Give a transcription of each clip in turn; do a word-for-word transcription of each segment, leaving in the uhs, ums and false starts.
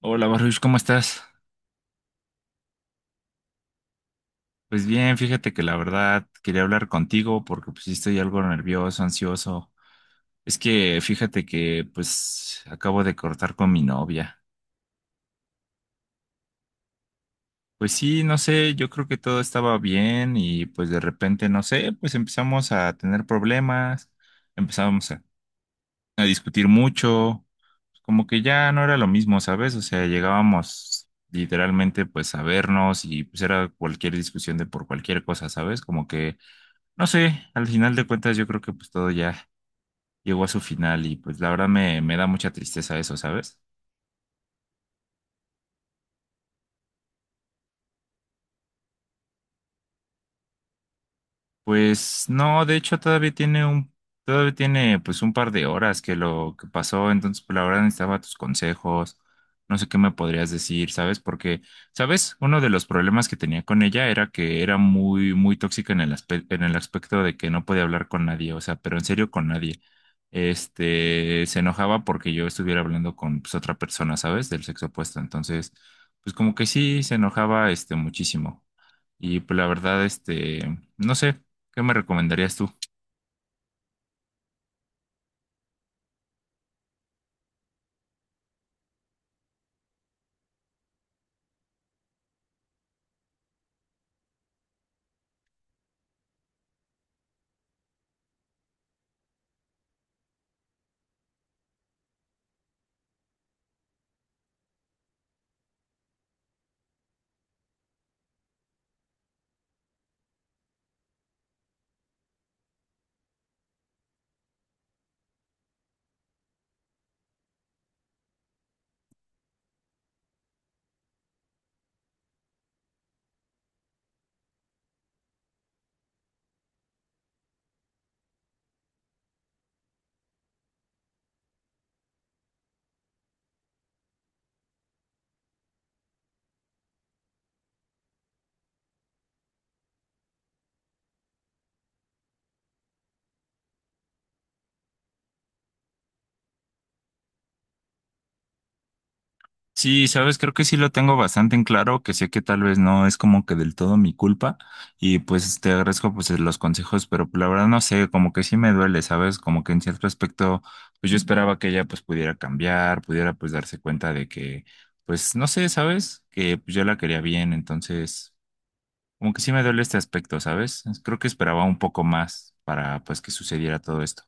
Hola Baruch, ¿cómo estás? Pues bien, fíjate que la verdad quería hablar contigo porque pues sí estoy algo nervioso, ansioso. Es que fíjate que pues acabo de cortar con mi novia. Pues sí, no sé, yo creo que todo estaba bien y pues de repente, no sé, pues empezamos a tener problemas, empezamos a, a discutir mucho, como que ya no era lo mismo, ¿sabes? O sea, llegábamos literalmente pues a vernos y pues era cualquier discusión de por cualquier cosa, ¿sabes? Como que no sé, al final de cuentas yo creo que pues todo ya llegó a su final y pues la verdad me, me da mucha tristeza eso, ¿sabes? Pues no, de hecho todavía tiene un, todavía tiene pues un par de horas que lo que pasó, entonces pues, la verdad necesitaba tus consejos, no sé qué me podrías decir, ¿sabes? Porque, ¿sabes? Uno de los problemas que tenía con ella era que era muy, muy tóxica en el aspecto, en el aspecto de que no podía hablar con nadie, o sea, pero en serio con nadie. Este, se enojaba porque yo estuviera hablando con pues, otra persona, ¿sabes? Del sexo opuesto, entonces, pues como que sí, se enojaba este muchísimo. Y pues la verdad, este, no sé, ¿qué me recomendarías tú? Sí, sabes, creo que sí lo tengo bastante en claro, que sé que tal vez no es como que del todo mi culpa y pues te agradezco pues los consejos, pero pues, la verdad no sé, como que sí me duele, ¿sabes? Como que en cierto aspecto, pues yo esperaba que ella pues pudiera cambiar, pudiera pues darse cuenta de que, pues no sé, ¿sabes? Que pues, yo la quería bien, entonces como que sí me duele este aspecto, ¿sabes? Creo que esperaba un poco más para pues que sucediera todo esto.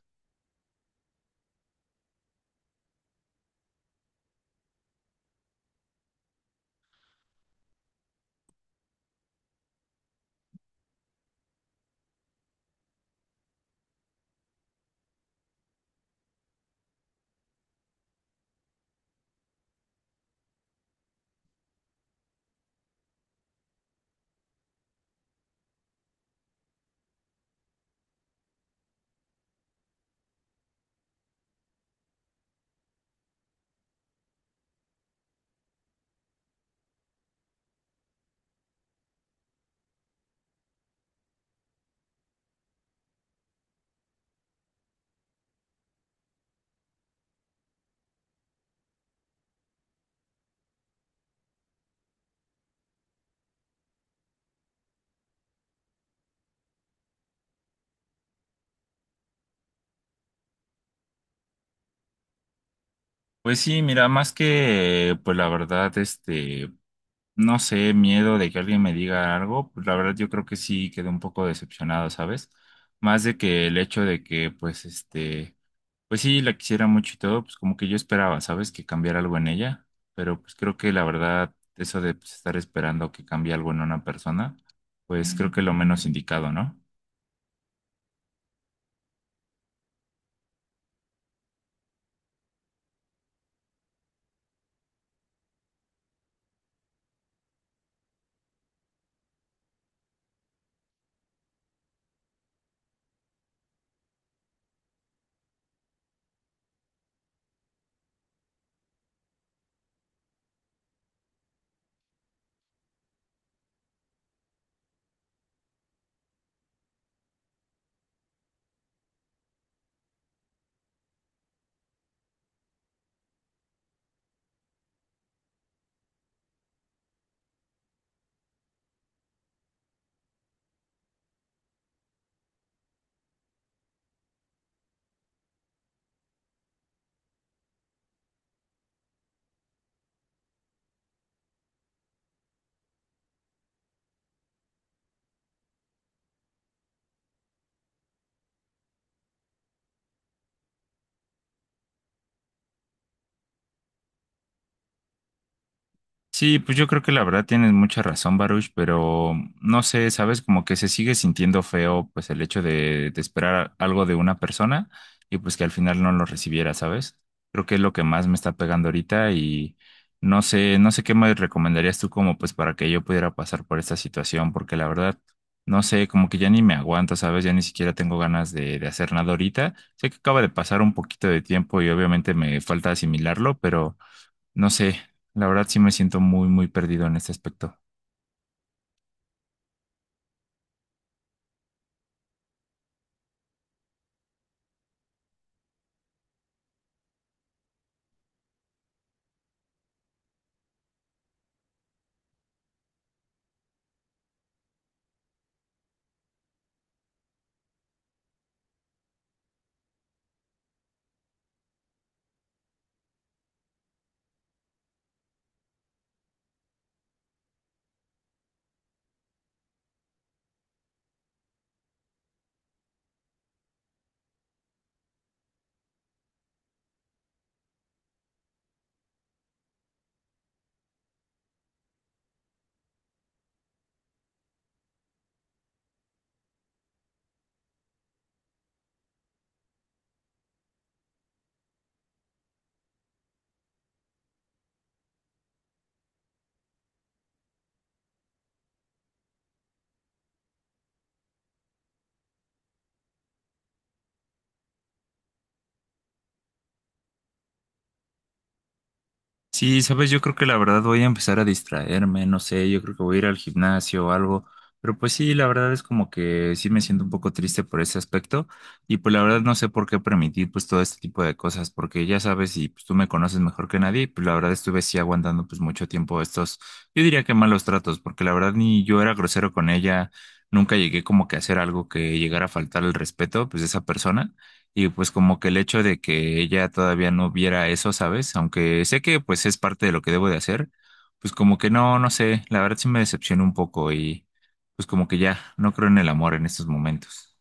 Pues sí, mira, más que, pues la verdad, este, no sé, miedo de que alguien me diga algo, pues la verdad yo creo que sí quedé un poco decepcionado, ¿sabes? Más de que el hecho de que, pues, este, pues sí, la quisiera mucho y todo, pues como que yo esperaba, ¿sabes? Que cambiara algo en ella, pero pues creo que la verdad, eso de pues, estar esperando que cambie algo en una persona, pues creo que lo menos indicado, ¿no? Sí, pues yo creo que la verdad tienes mucha razón, Baruch, pero no sé, sabes, como que se sigue sintiendo feo, pues el hecho de, de esperar algo de una persona y pues que al final no lo recibiera, ¿sabes? Creo que es lo que más me está pegando ahorita y no sé, no sé qué me recomendarías tú como pues para que yo pudiera pasar por esta situación, porque la verdad, no sé, como que ya ni me aguanto, ¿sabes? Ya ni siquiera tengo ganas de, de hacer nada ahorita. Sé que acaba de pasar un poquito de tiempo y obviamente me falta asimilarlo, pero no sé, la verdad sí me siento muy, muy perdido en este aspecto. Sí, sabes, yo creo que la verdad voy a empezar a distraerme, no sé, yo creo que voy a ir al gimnasio o algo, pero pues sí, la verdad es como que sí me siento un poco triste por ese aspecto y pues la verdad no sé por qué permitir pues todo este tipo de cosas, porque ya sabes y pues tú me conoces mejor que nadie, y, pues la verdad estuve sí aguantando pues mucho tiempo estos, yo diría que malos tratos, porque la verdad ni yo era grosero con ella, nunca llegué como que a hacer algo que llegara a faltar el respeto pues de esa persona. Y pues como que el hecho de que ella todavía no viera eso, ¿sabes? Aunque sé que pues es parte de lo que debo de hacer, pues como que no, no sé, la verdad sí me decepcionó un poco y pues como que ya no creo en el amor en estos momentos.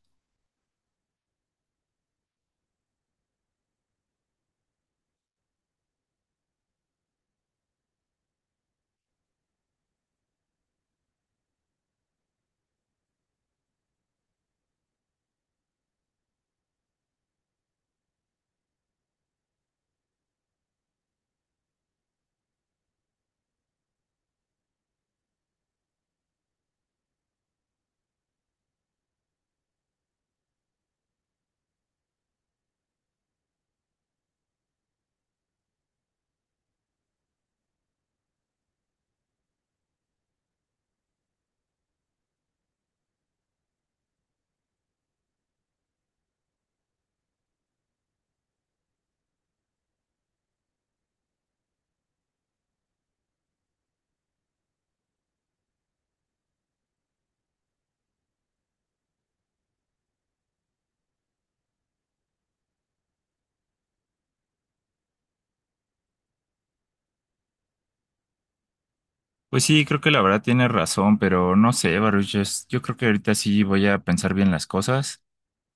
Pues sí, creo que la verdad tiene razón, pero no sé, Baruch, es yo creo que ahorita sí voy a pensar bien las cosas.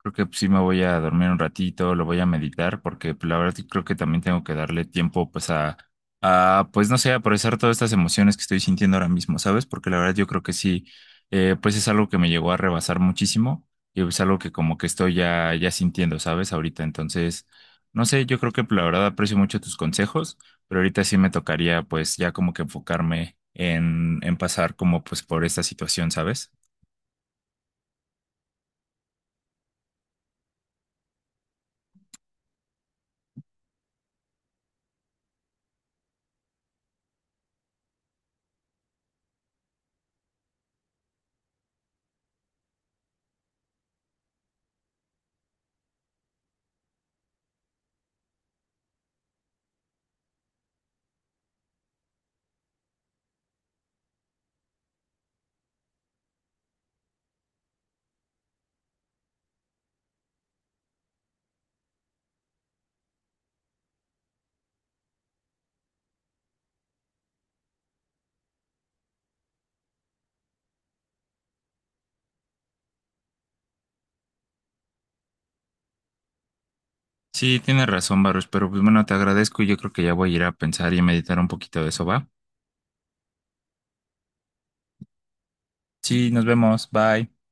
Creo que sí me voy a dormir un ratito, lo voy a meditar, porque pues, la verdad que creo que también tengo que darle tiempo, pues, a, a, pues, no sé, a procesar todas estas emociones que estoy sintiendo ahora mismo, ¿sabes? Porque la verdad yo creo que sí, eh, pues es algo que me llegó a rebasar muchísimo y es algo que como que estoy ya, ya sintiendo, ¿sabes? Ahorita, entonces, no sé, yo creo que pues, la verdad aprecio mucho tus consejos, pero ahorita sí me tocaría, pues, ya como que enfocarme en, en pasar como, pues, por esta situación, ¿sabes? Sí, tienes razón, Baruch, pero pues bueno, te agradezco y yo creo que ya voy a ir a pensar y a meditar un poquito de eso, ¿va? Sí, nos vemos, bye.